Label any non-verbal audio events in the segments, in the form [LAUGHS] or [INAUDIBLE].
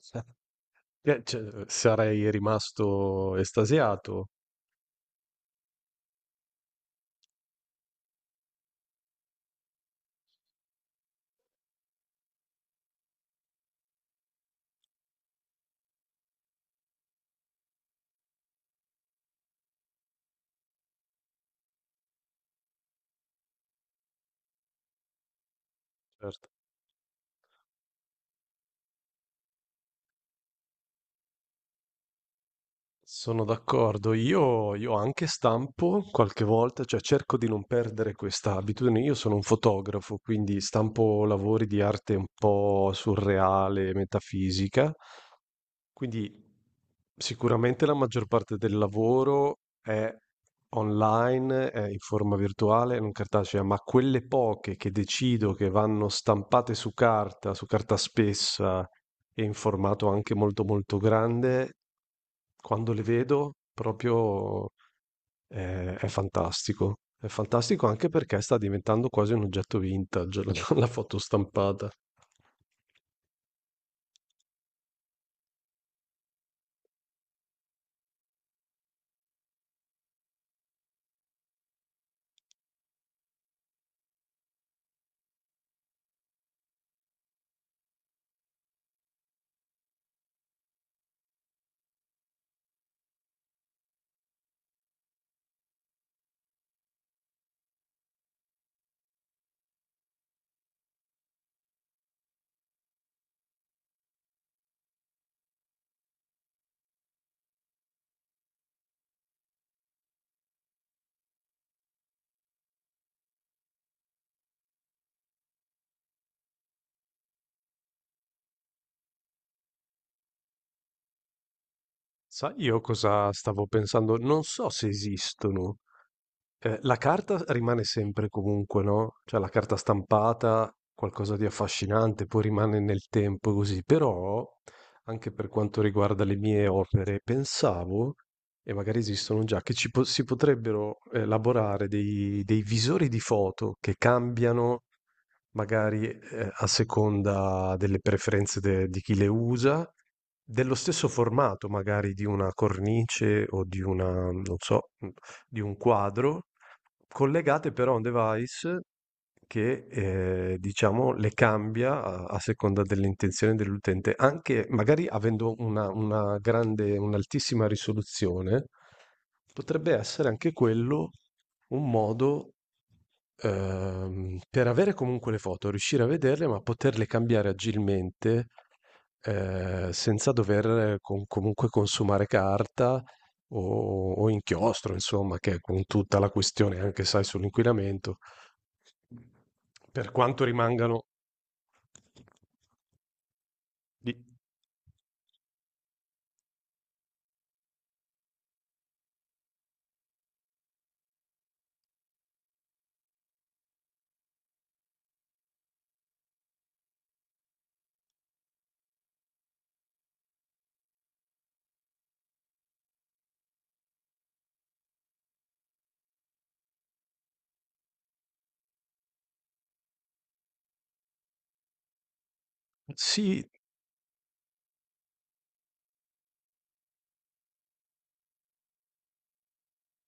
Cioè, sarei rimasto estasiato, certo. Sono d'accordo. Io anche stampo qualche volta, cioè cerco di non perdere questa abitudine. Io sono un fotografo, quindi stampo lavori di arte un po' surreale, metafisica. Quindi sicuramente la maggior parte del lavoro è online, è in forma virtuale, non cartacea, ma quelle poche che decido che vanno stampate su carta spessa e in formato anche molto molto grande, quando le vedo proprio, è fantastico. È fantastico anche perché sta diventando quasi un oggetto vintage [LAUGHS] la foto stampata. Sai io cosa stavo pensando? Non so se esistono. La carta rimane sempre comunque, no, cioè la carta stampata, qualcosa di affascinante, poi rimane nel tempo così, però anche per quanto riguarda le mie opere pensavo, e magari esistono già, che ci po si potrebbero elaborare dei visori di foto che cambiano magari, a seconda delle preferenze de di chi le usa, dello stesso formato magari di una cornice o di una non so, mhmm, di un quadro, collegate però a un device che, diciamo le cambia a seconda dell'intenzione dell'utente, anche magari avendo una grande un'altissima risoluzione. Potrebbe essere anche quello un modo, per avere comunque le foto, riuscire a vederle, ma poterle cambiare agilmente, senza dover con comunque consumare carta o inchiostro, insomma, che è con tutta la questione anche, sai, sull'inquinamento. Per quanto rimangano di sì,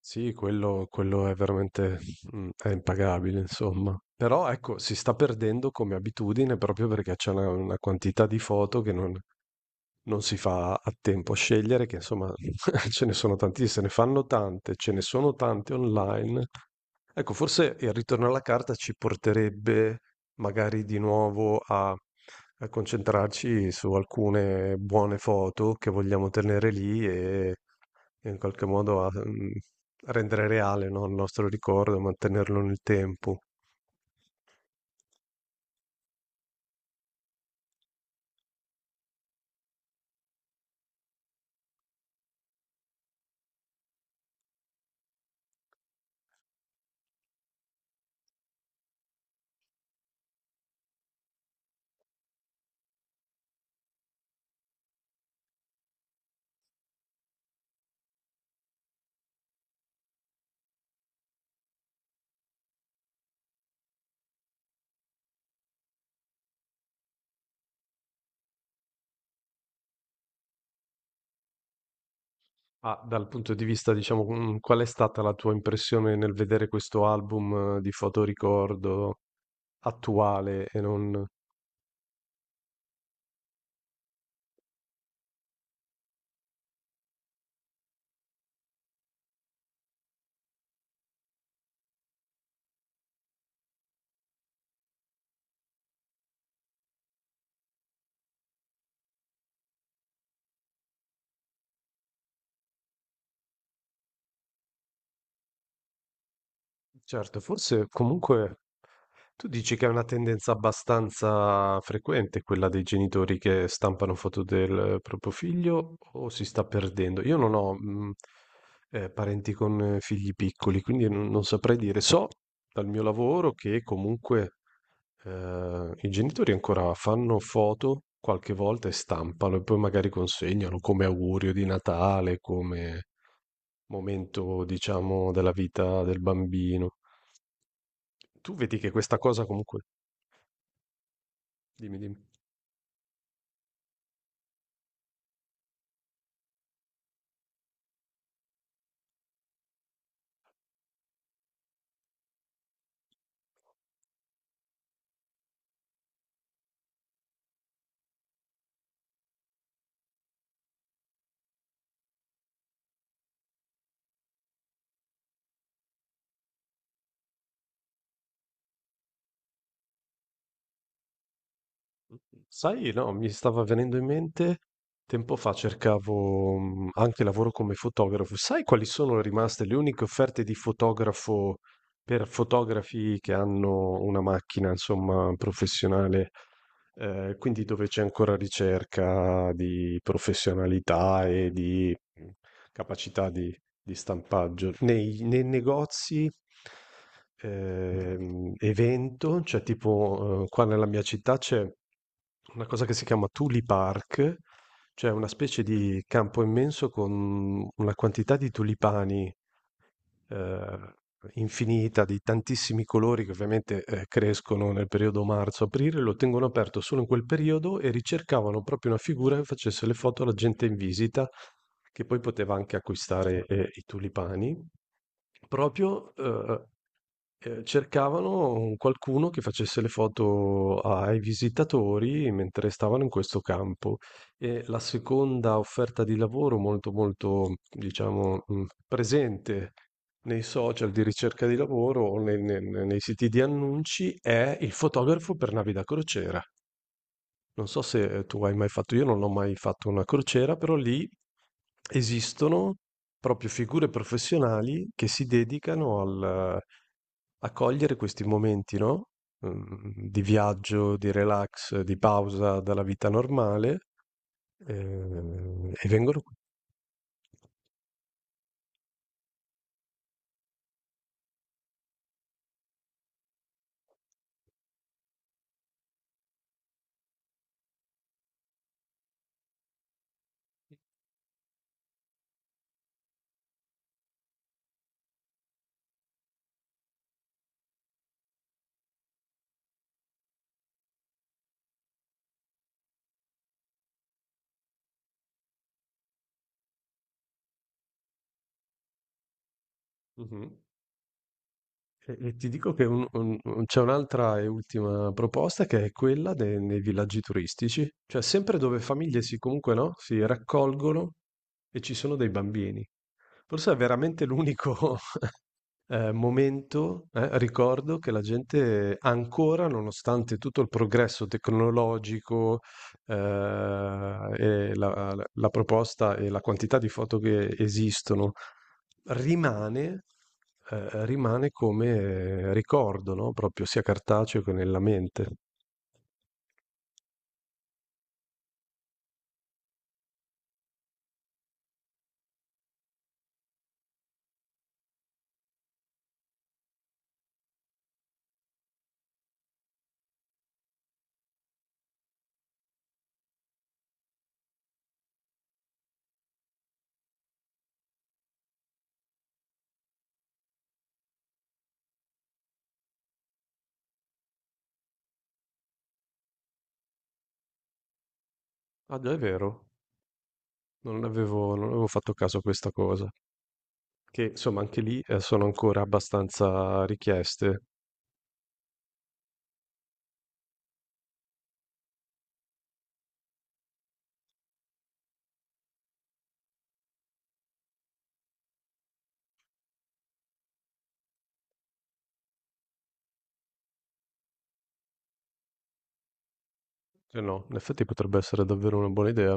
sì, quello è veramente mm, è impagabile, insomma. Però ecco, si sta perdendo come abitudine proprio perché c'è una quantità di foto che non si fa a tempo a scegliere, che insomma [LAUGHS] ce ne sono tantissime, se ne fanno tante, ce ne sono tante online. Ecco, forse il ritorno alla carta ci porterebbe magari di nuovo a, a concentrarci su alcune buone foto che vogliamo tenere lì e in qualche modo a, mm, a rendere reale, no, il nostro ricordo, mantenerlo nel tempo. Ah, dal punto di vista, diciamo, mm, qual è stata la tua impressione nel vedere questo album di fotoricordo attuale e non... Certo, forse comunque tu dici che è una tendenza abbastanza frequente quella dei genitori che stampano foto del proprio figlio o si sta perdendo? Io non ho parenti con figli piccoli, quindi non saprei dire. So dal mio lavoro che comunque i genitori ancora fanno foto qualche volta e stampano e poi magari consegnano come augurio di Natale, come momento, diciamo, della vita del bambino. Tu vedi che questa cosa comunque... Dimmi, dimmi. Mhmm, sai, no, mi stava venendo in mente, tempo fa cercavo anche lavoro come fotografo. Sai quali sono rimaste le uniche offerte di fotografo per fotografi che hanno una macchina, insomma, professionale, quindi dove c'è ancora ricerca di professionalità e di capacità di stampaggio. Nei negozi, evento, cioè tipo, qua nella mia città c'è una cosa che si chiama Tuli Park, cioè una specie di campo immenso con una quantità di tulipani eh, infinita di tantissimi colori che ovviamente crescono nel periodo marzo-aprile, lo tengono aperto solo in quel periodo e ricercavano proprio una figura che facesse le foto alla gente in visita, che poi poteva anche acquistare i tulipani, proprio cercavano un qualcuno che facesse le foto ai visitatori mentre stavano in questo campo. E la seconda offerta di lavoro molto, molto diciamo, mhmm, presente nei social di ricerca di lavoro o ne ne ne nei siti di annunci è il fotografo per navi da crociera. Non so se tu hai mai fatto, io non ho mai fatto una crociera, però lì esistono proprio figure professionali che si dedicano al a cogliere questi momenti, no, mhmm, di viaggio, di relax, di pausa dalla vita normale, e vengono mh-mh. E ti dico che un c'è un'altra e ultima proposta che è quella de nei villaggi turistici, cioè sempre dove famiglie comunque, no, si raccolgono e ci sono dei bambini. Forse è veramente l'unico momento, ricordo che la gente ancora, nonostante tutto il progresso tecnologico, e la proposta e la quantità di foto che esistono, rimane rimane come ricordo, no, proprio sia cartaceo che nella mente. Ah già, è vero, non avevo fatto caso a questa cosa, che insomma anche lì, sono ancora abbastanza richieste. Eh no, in effetti potrebbe essere davvero una buona idea.